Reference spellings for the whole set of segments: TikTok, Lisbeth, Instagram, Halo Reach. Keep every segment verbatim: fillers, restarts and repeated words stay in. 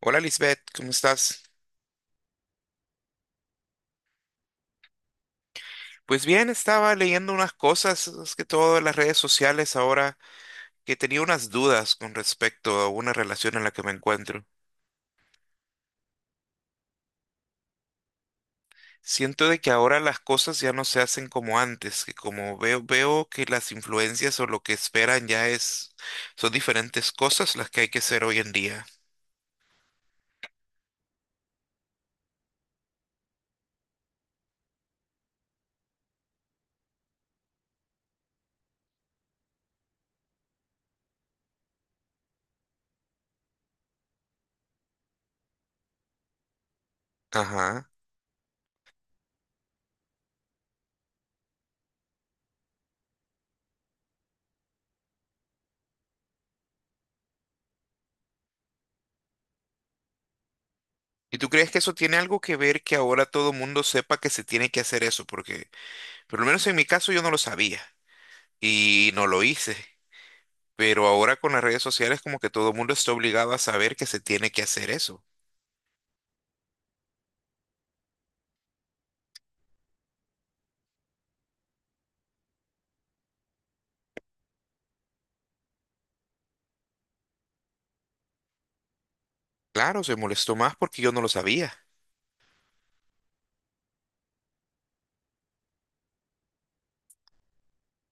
Hola Lisbeth, ¿cómo estás? Pues bien, estaba leyendo unas cosas, es que todo en las redes sociales ahora, que tenía unas dudas con respecto a una relación en la que me encuentro. Siento de que ahora las cosas ya no se hacen como antes, que como veo, veo que las influencias o lo que esperan ya es, son diferentes cosas las que hay que hacer hoy en día. Ajá. ¿Y tú crees que eso tiene algo que ver que ahora todo mundo sepa que se tiene que hacer eso? Porque, por lo menos en mi caso, yo no lo sabía y no lo hice. Pero ahora con las redes sociales como que todo el mundo está obligado a saber que se tiene que hacer eso. Claro, se molestó más porque yo no lo sabía.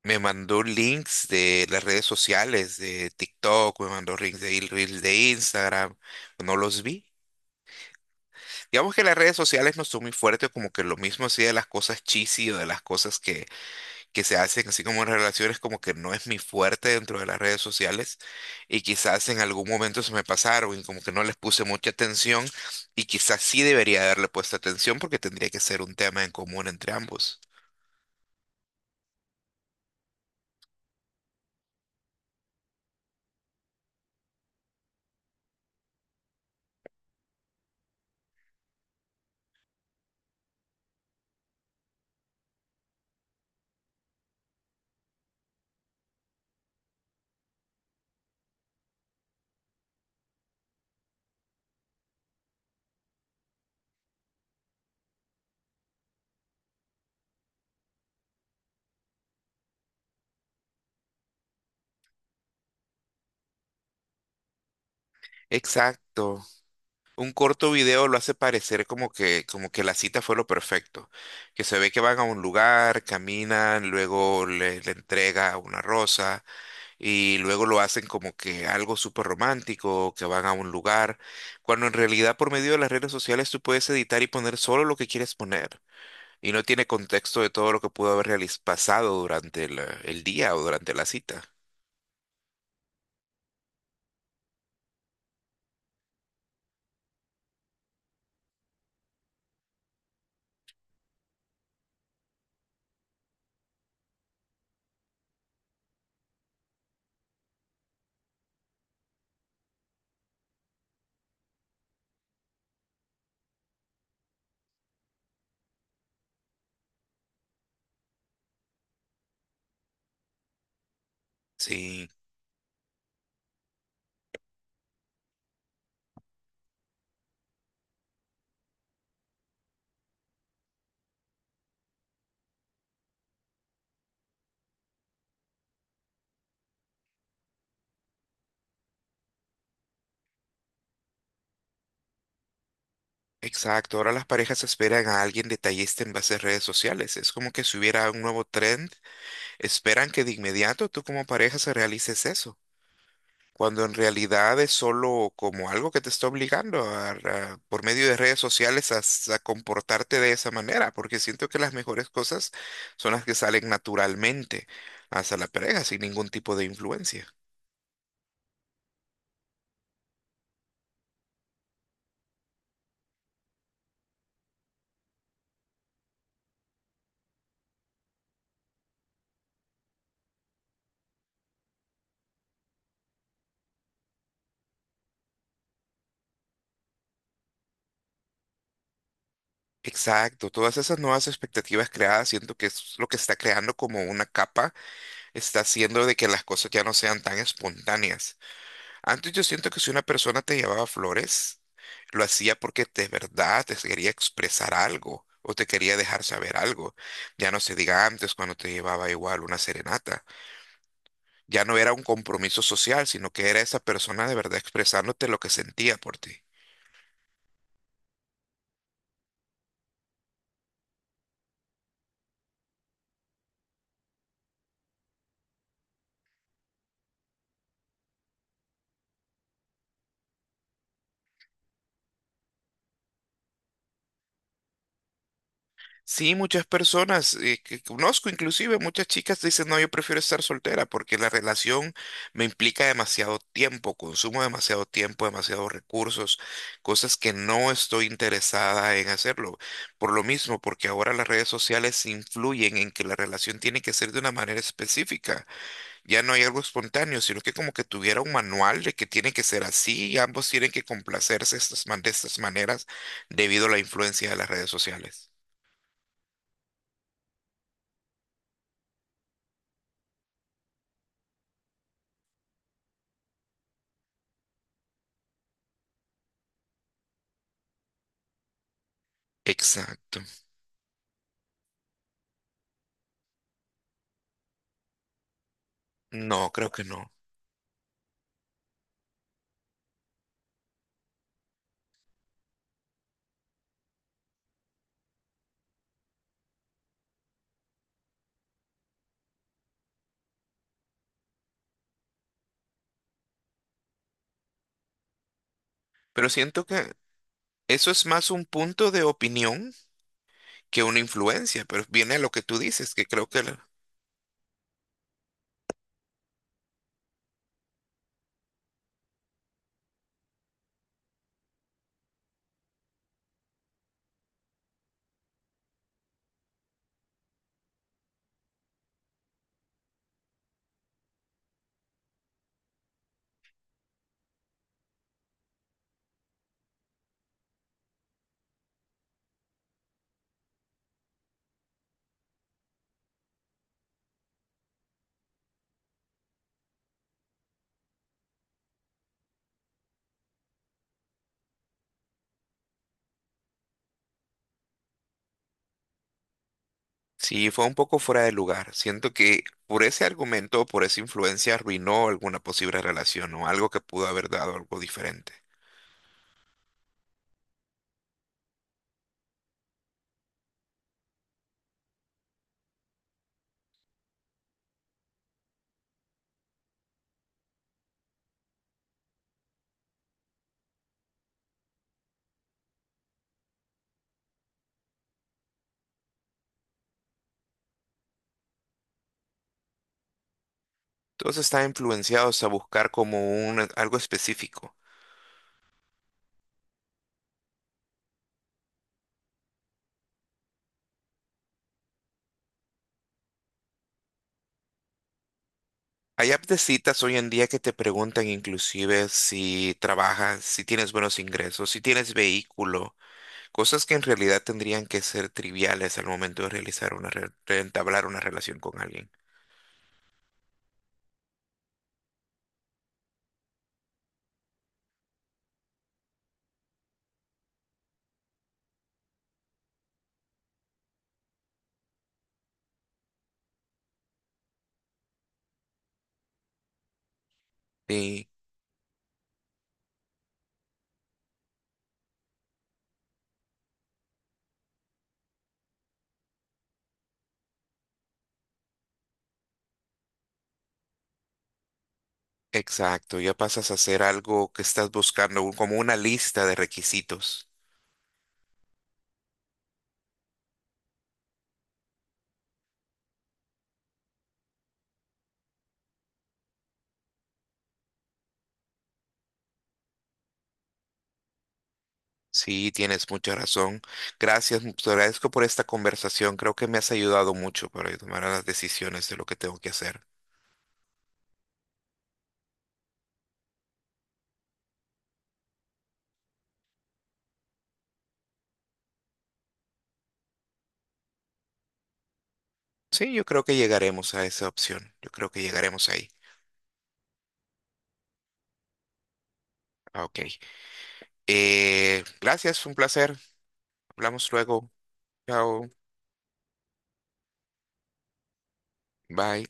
Me mandó links de las redes sociales, de TikTok, me mandó links de il- reels de Instagram, no los vi. Digamos que las redes sociales no son muy fuertes, como que lo mismo así de las cosas cheesy o de las cosas que, que se hacen así como relaciones como que no es mi fuerte dentro de las redes sociales y quizás en algún momento se me pasaron y como que no les puse mucha atención y quizás sí debería haberle puesto atención porque tendría que ser un tema en común entre ambos. Exacto. Un corto video lo hace parecer como que, como que la cita fue lo perfecto, que se ve que van a un lugar, caminan, luego le, le entrega una rosa, y luego lo hacen como que algo súper romántico, que van a un lugar, cuando en realidad por medio de las redes sociales tú puedes editar y poner solo lo que quieres poner y no tiene contexto de todo lo que pudo haber realiz- pasado durante el, el día o durante la cita. Sí, exacto. Ahora las parejas esperan a alguien detallista en base a redes sociales. Es como que si hubiera un nuevo trend, esperan que de inmediato tú como pareja se realices eso. Cuando en realidad es solo como algo que te está obligando a- a- por medio de redes sociales a, s- a comportarte de esa manera, porque siento que las mejores cosas son las que salen naturalmente hacia la pareja sin ningún tipo de influencia. Exacto, todas esas nuevas expectativas creadas siento que es lo que está creando como una capa, está haciendo de que las cosas ya no sean tan espontáneas. Antes yo siento que si una persona te llevaba flores, lo hacía porque de verdad te quería expresar algo o te quería dejar saber algo. Ya no se diga antes cuando te llevaba igual una serenata. Ya no era un compromiso social, sino que era esa persona de verdad expresándote lo que sentía por ti. Sí, muchas personas eh, que conozco, inclusive muchas chicas dicen, no, yo prefiero estar soltera porque la relación me implica demasiado tiempo, consumo demasiado tiempo, demasiados recursos, cosas que no estoy interesada en hacerlo. Por lo mismo, porque ahora las redes sociales influyen en que la relación tiene que ser de una manera específica. Ya no hay algo espontáneo, sino que como que tuviera un manual de que tiene que ser así y ambos tienen que complacerse estas man- de estas maneras debido a la influencia de las redes sociales. Exacto. No, creo que no. Pero siento que eso es más un punto de opinión que una influencia, pero viene a lo que tú dices, que creo que la- sí fue un poco fuera de lugar. Siento que por ese argumento, o por esa influencia, arruinó alguna posible relación o algo que pudo haber dado algo diferente. Todos están influenciados a buscar como un, eh, algo específico. Hay apps de citas hoy en día que te preguntan inclusive si trabajas, si tienes buenos ingresos, si tienes vehículo, cosas que en realidad tendrían que ser triviales al momento de realizar una re- de entablar una relación con alguien. Y exacto, ya pasas a hacer algo que estás buscando, un- como una lista de requisitos. Sí, tienes mucha razón. Gracias, mu- te agradezco por esta conversación. Creo que me has ayudado mucho para tomar las decisiones de lo que tengo que hacer. Sí, yo creo que llegaremos a esa opción. Yo creo que llegaremos ahí. Ah, ok. Eh, gracias, fue un placer. Hablamos luego. Chao. Bye.